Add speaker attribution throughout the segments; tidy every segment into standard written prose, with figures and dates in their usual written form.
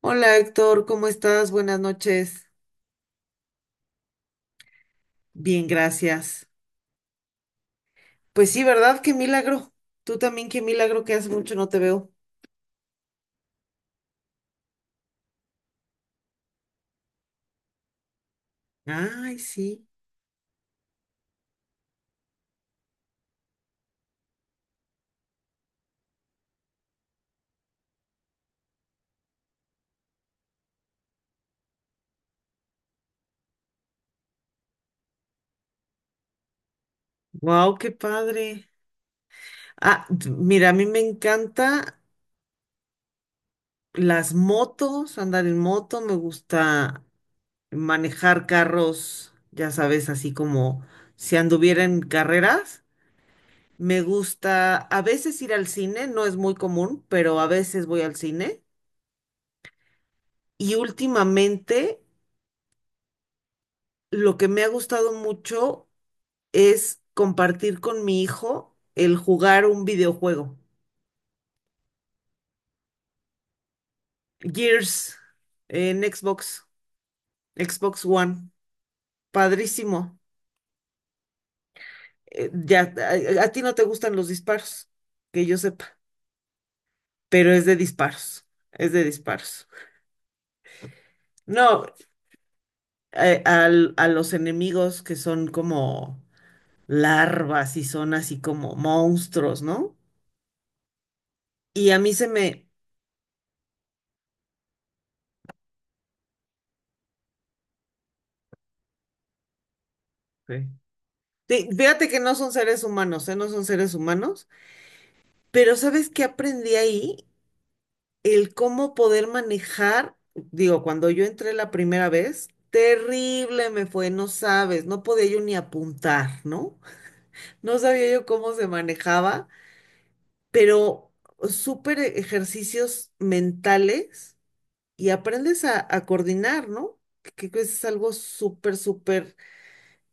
Speaker 1: Hola Héctor, ¿cómo estás? Buenas noches. Bien, gracias. Pues sí, ¿verdad? Qué milagro. Tú también, qué milagro que hace mucho no te veo. Ay, sí. Wow, qué padre. Ah, mira, a mí me encanta las motos, andar en moto, me gusta manejar carros, ya sabes, así como si anduviera en carreras. Me gusta a veces ir al cine, no es muy común, pero a veces voy al cine. Y últimamente lo que me ha gustado mucho es compartir con mi hijo el jugar un videojuego. Gears en Xbox, Xbox One. Padrísimo. Ya, a ti no te gustan los disparos, que yo sepa, pero es de disparos. Es de disparos. No, a los enemigos que son como larvas y son así como monstruos, ¿no? Y a mí se me... Sí. Sí, fíjate que no son seres humanos, ¿eh? No son seres humanos, pero ¿sabes qué aprendí ahí? El cómo poder manejar, digo, cuando yo entré la primera vez, terrible me fue, no sabes, no podía yo ni apuntar, ¿no? No sabía yo cómo se manejaba, pero súper ejercicios mentales y aprendes a coordinar, ¿no? Que es algo súper, súper,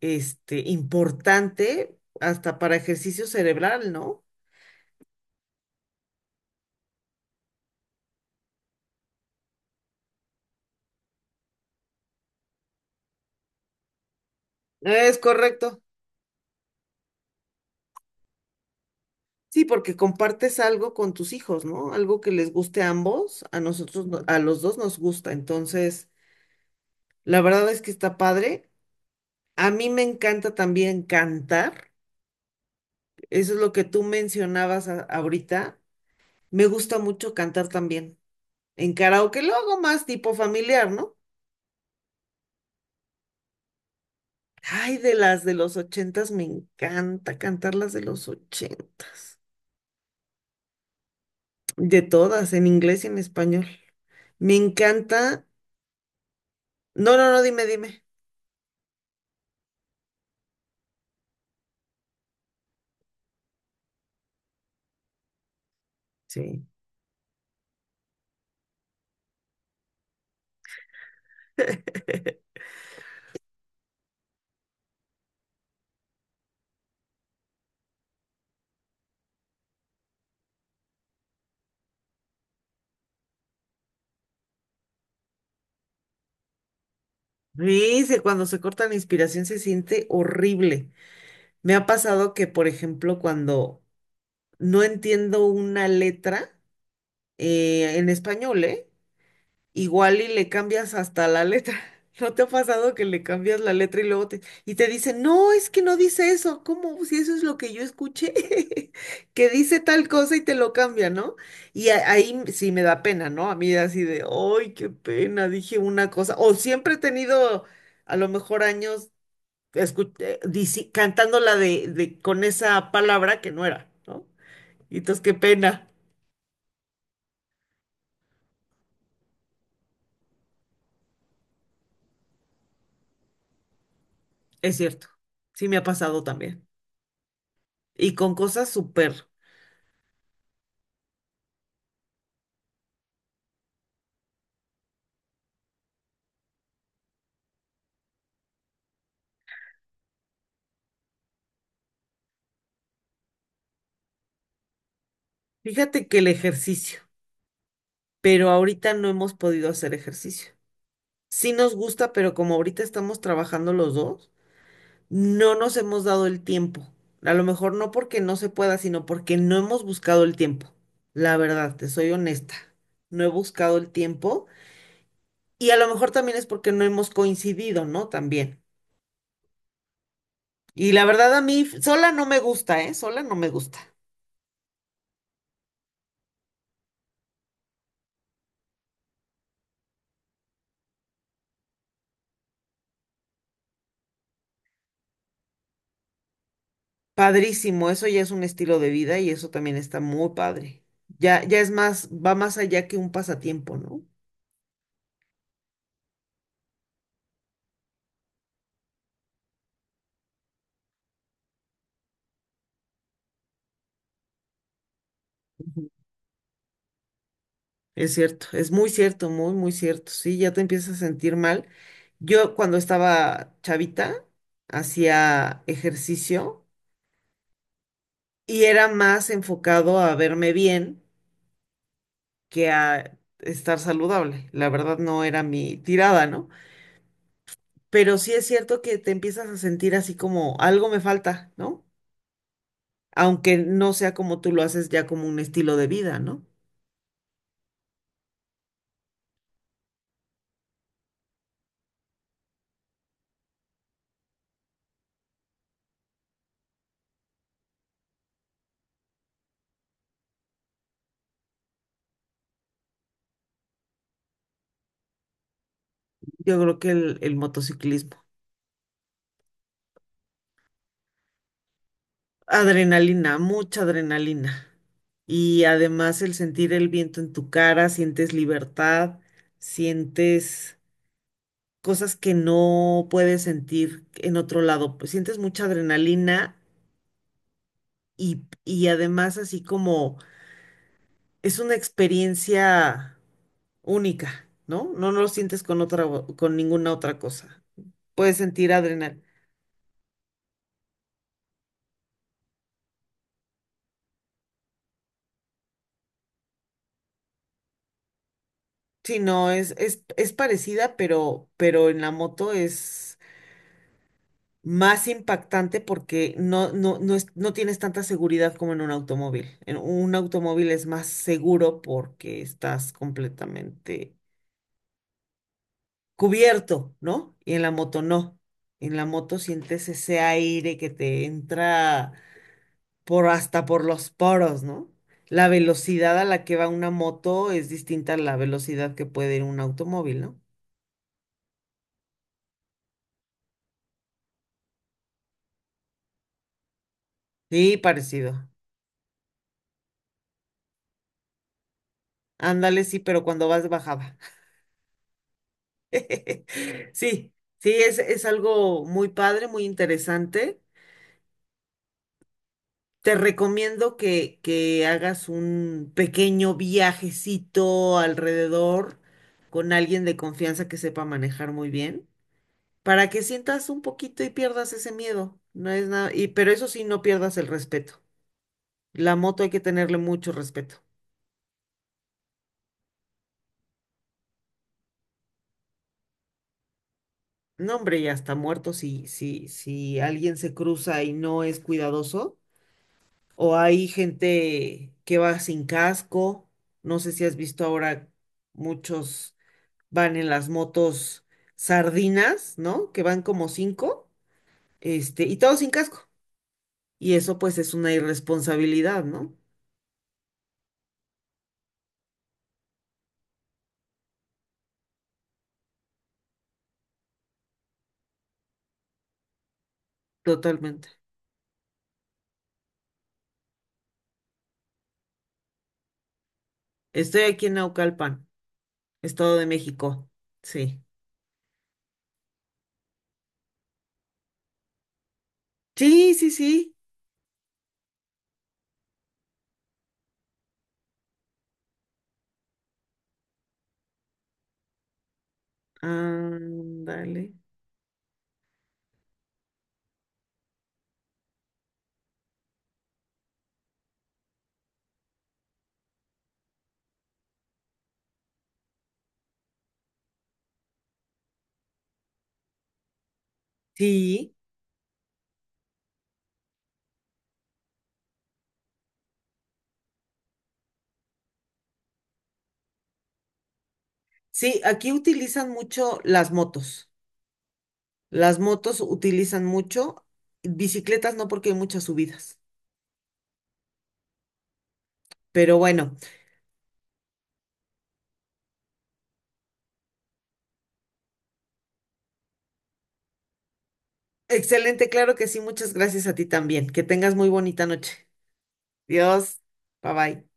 Speaker 1: importante hasta para ejercicio cerebral, ¿no? Es correcto. Sí, porque compartes algo con tus hijos, ¿no? Algo que les guste a ambos, a nosotros, a los dos nos gusta. Entonces, la verdad es que está padre. A mí me encanta también cantar. Eso es lo que tú mencionabas ahorita. Me gusta mucho cantar también. En karaoke lo hago más tipo familiar, ¿no? Ay, de las de los ochentas, me encanta cantar las de los ochentas. De todas, en inglés y en español. Me encanta. No, dime, dime. Sí. Dice, cuando se corta la inspiración se siente horrible. Me ha pasado que, por ejemplo, cuando no entiendo una letra en español, ¿eh? Igual y le cambias hasta la letra. ¿No te ha pasado que le cambias la letra y luego y te dicen, no, es que no dice eso? ¿Cómo? Si eso es lo que yo escuché, que dice tal cosa y te lo cambia, ¿no? Y ahí sí me da pena, ¿no? A mí así de, ay, qué pena, dije una cosa. O siempre he tenido, a lo mejor años, cantándola con esa palabra que no era, ¿no? Y entonces, qué pena. Es cierto, sí me ha pasado también. Y con cosas súper. Fíjate que el ejercicio, pero ahorita no hemos podido hacer ejercicio. Sí nos gusta, pero como ahorita estamos trabajando los dos, no nos hemos dado el tiempo. A lo mejor no porque no se pueda, sino porque no hemos buscado el tiempo. La verdad, te soy honesta, no he buscado el tiempo y a lo mejor también es porque no hemos coincidido, ¿no? También. Y la verdad a mí sola no me gusta, ¿eh? Sola no me gusta. Padrísimo, eso ya es un estilo de vida y eso también está muy padre. Ya, ya es más, va más allá que un pasatiempo, ¿no? Ujú. Es cierto, es muy cierto, muy, muy cierto. Sí, ya te empiezas a sentir mal. Yo cuando estaba chavita hacía ejercicio y era más enfocado a verme bien que a estar saludable. La verdad no era mi tirada, ¿no? Pero sí es cierto que te empiezas a sentir así como algo me falta, ¿no? Aunque no sea como tú lo haces ya como un estilo de vida, ¿no? Yo creo que el motociclismo. Adrenalina, mucha adrenalina. Y además el sentir el viento en tu cara, sientes libertad, sientes cosas que no puedes sentir en otro lado. Pues sientes mucha adrenalina y además así como es una experiencia única, ¿no? No, no lo sientes con otra, con ninguna otra cosa. Puedes sentir adrenalina. Sí, no, es parecida, pero en la moto es más impactante porque no tienes tanta seguridad como en un automóvil. En un automóvil es más seguro porque estás completamente cubierto, ¿no? Y en la moto no. En la moto sientes ese aire que te entra por hasta por los poros, ¿no? La velocidad a la que va una moto es distinta a la velocidad que puede ir un automóvil, ¿no? Sí, parecido. Ándale, sí, pero cuando vas bajaba. Sí, sí, es algo muy padre, muy interesante. Te recomiendo que hagas un pequeño viajecito alrededor con alguien de confianza que sepa manejar muy bien, para que sientas un poquito y pierdas ese miedo. No es nada, y, pero eso sí, no pierdas el respeto. La moto hay que tenerle mucho respeto. No, hombre, ya está muerto si alguien se cruza y no es cuidadoso. O hay gente que va sin casco. No sé si has visto ahora muchos van en las motos sardinas, ¿no? Que van como cinco, y todos sin casco. Y eso pues es una irresponsabilidad, ¿no? Totalmente. Estoy aquí en Naucalpan, Estado de México. Sí. Sí, sí, sí. Ándale. Sí, sí, aquí utilizan mucho las motos. Las motos utilizan mucho, bicicletas no porque hay muchas subidas. Pero bueno, excelente, claro que sí, muchas gracias a ti también. Que tengas muy bonita noche. Dios, bye bye.